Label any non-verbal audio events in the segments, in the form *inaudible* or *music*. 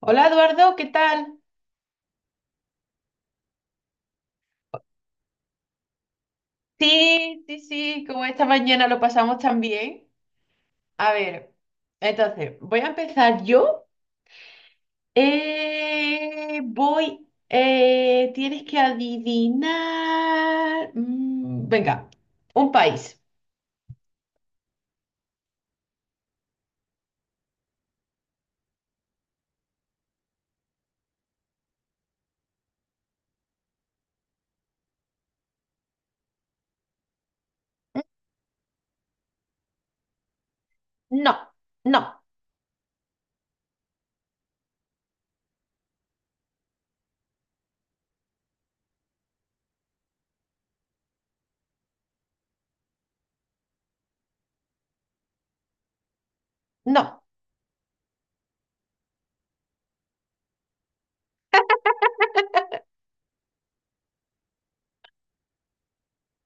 Hola Eduardo, ¿qué tal? Sí, sí, sí, como esta mañana lo pasamos tan bien. A ver, entonces, voy a empezar yo. Voy, tienes que adivinar. Venga, un país. No, no, no.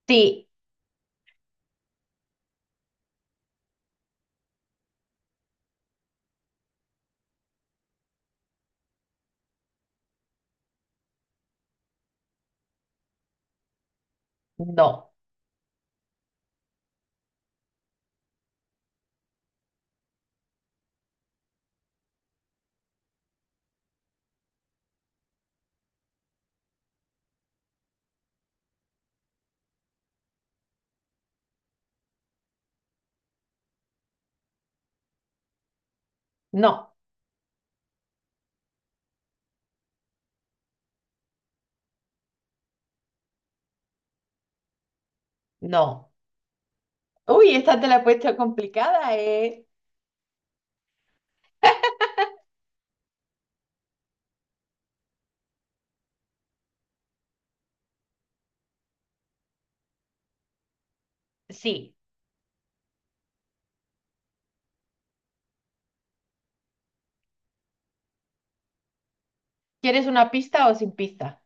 Sí, no, no, no. Uy, esta te la he puesto complicada, ¿eh? Sí. ¿Quieres una pista o sin pista?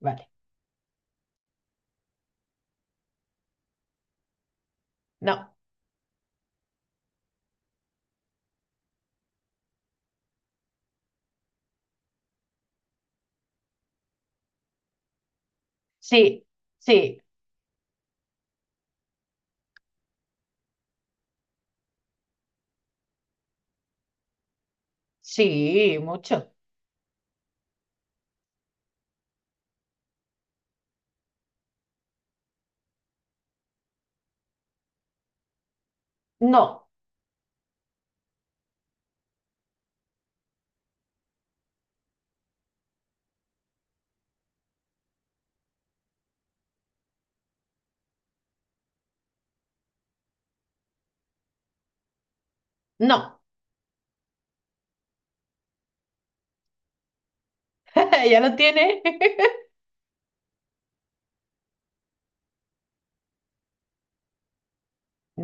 Vale. No. Sí, sí. Sí, mucho. No, no. *laughs* ¿Ya lo tiene? *laughs*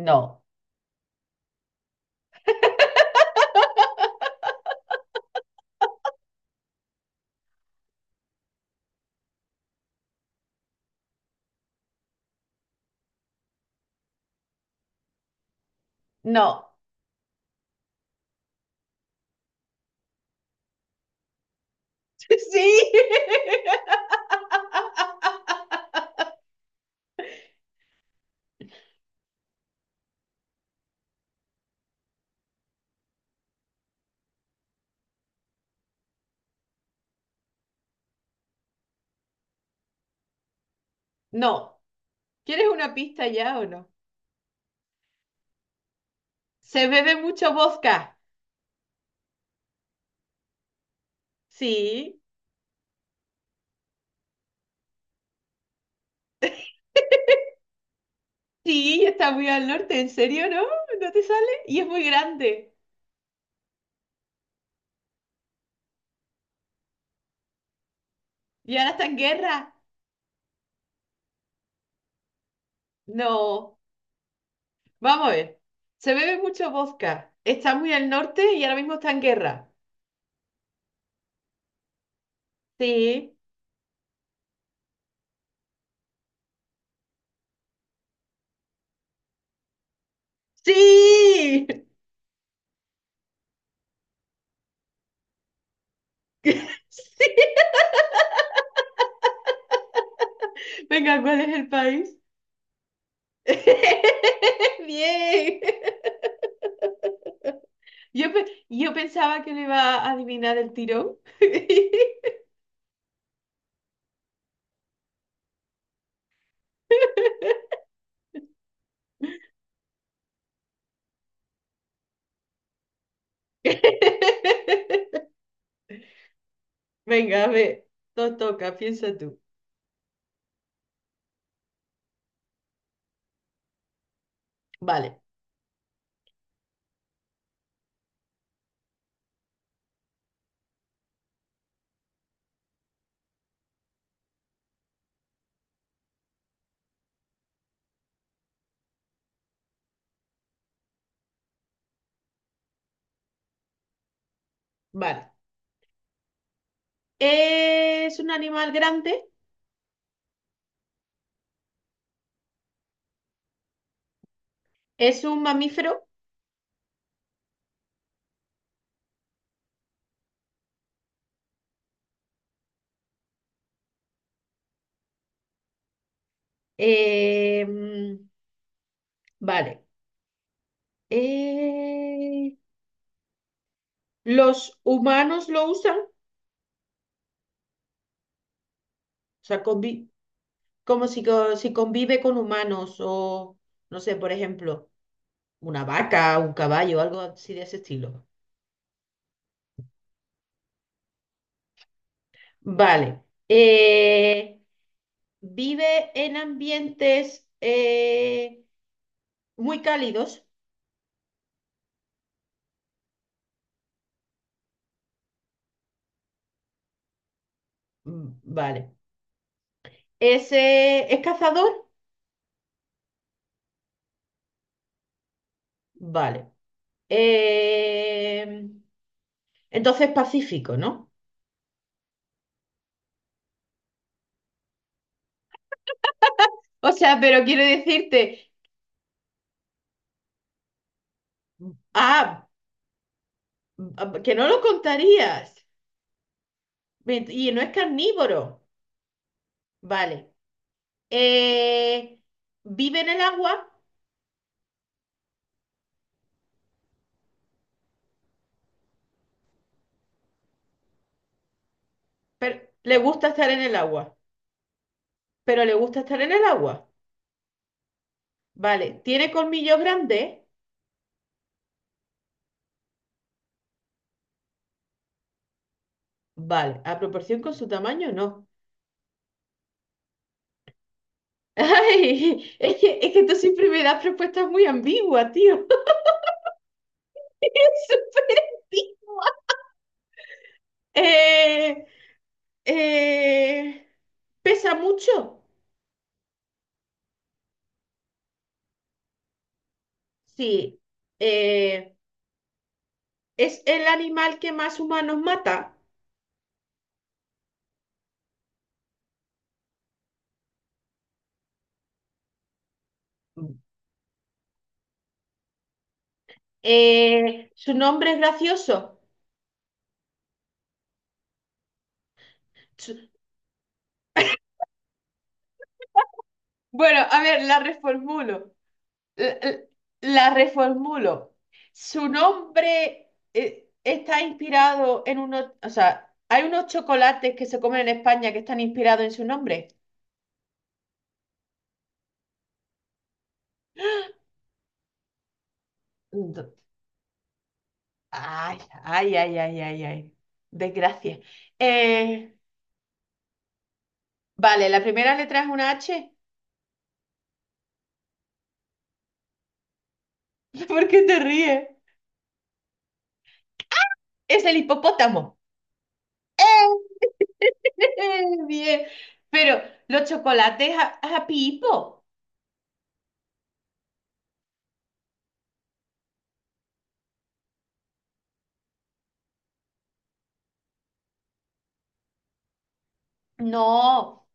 No, no. *laughs* Sí. *laughs* No. ¿Quieres una pista ya o no? Se bebe mucho vodka. Sí, sí, está muy al norte. ¿En serio, no? ¿No te sale? Y es muy grande. ¿Y ahora está en guerra? No. Vamos a ver. Se bebe mucho vodka. Está muy al norte y ahora mismo está en guerra. Sí. Sí. *laughs* Sí. Venga, ¿cuál es el país? *laughs* Bien. Yo, yo pensaba que lo iba a adivinar el tirón. *laughs* Venga, a ver, toca, piensa tú. Vale, vale. Es un animal grande, es un mamífero. eh, mm, vale. Eh, ¿Los humanos lo usan? O sea, como si, si convive con humanos o, no sé, por ejemplo, una vaca, un caballo, algo así de ese estilo. Vale. Eh, ¿Vive en ambientes muy cálidos? Vale. ¿Es cazador? Vale. Eh, entonces pacífico, ¿no? O sea, pero quiero decirte, ah, ah, que no lo contarías. Y no es carnívoro. Vale. Eh, ¿Vive en el agua? Pero, le gusta estar en el agua, pero le gusta estar en el agua. Vale, ¿tiene colmillos grandes? Vale, a proporción con su tamaño, no. *laughs* Ay, es que tú siempre me das propuestas muy ambiguas, tío. *laughs* Es súper ambiguo. Eh, eh, ¿Pesa mucho? Sí. Eh, ¿Es el animal que más humanos mata? ¿Su nombre es gracioso? Su- Bueno, a ver, la reformulo. L- l- La reformulo. Su nombre está inspirado en unos, o sea, hay unos chocolates que se comen en España que están inspirados en su nombre. Ent- Ay, ay, ay, ay, ay, ay. Desgracia. Eh, vale, la primera letra es una H. *laughs* ¿Por qué te ríes? Es el hipopótamo. *laughs* Bien. Pero los chocolates a Pipo. No.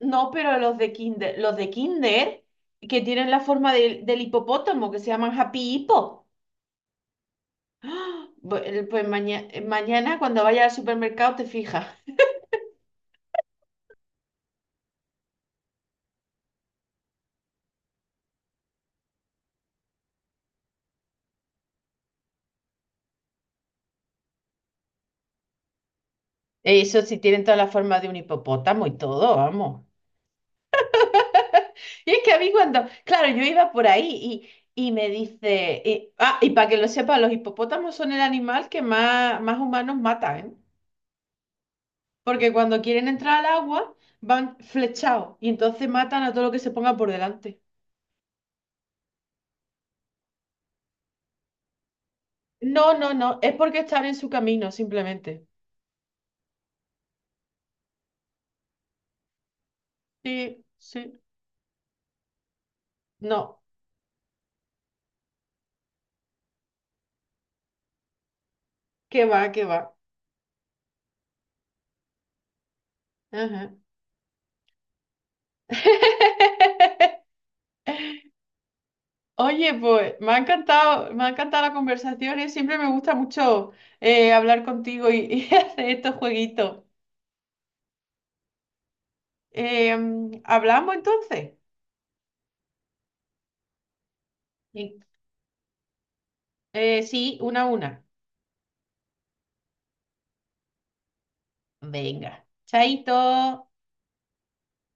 No, pero los de Kinder, que tienen la forma del hipopótamo, que se llaman Happy Hippo. Mañana cuando vayas al supermercado te fijas. Eso sí tienen toda la forma de un hipopótamo y todo, vamos. Y es que a mí cuando, claro, yo iba por ahí y me dice, y para que lo sepa, los hipopótamos son el animal que más humanos matan, ¿eh? Porque cuando quieren entrar al agua van flechados y entonces matan a todo lo que se ponga por delante. No, no, no, es porque están en su camino, simplemente. Sí, sí. No, que va, que va. Ajá. *laughs* Oye, pues me ha encantado la conversación, ¿eh? Siempre me gusta mucho hablar contigo y *laughs* hacer estos jueguitos. ¿Hablamos entonces? Sí. Sí, una a una. Venga, chaito.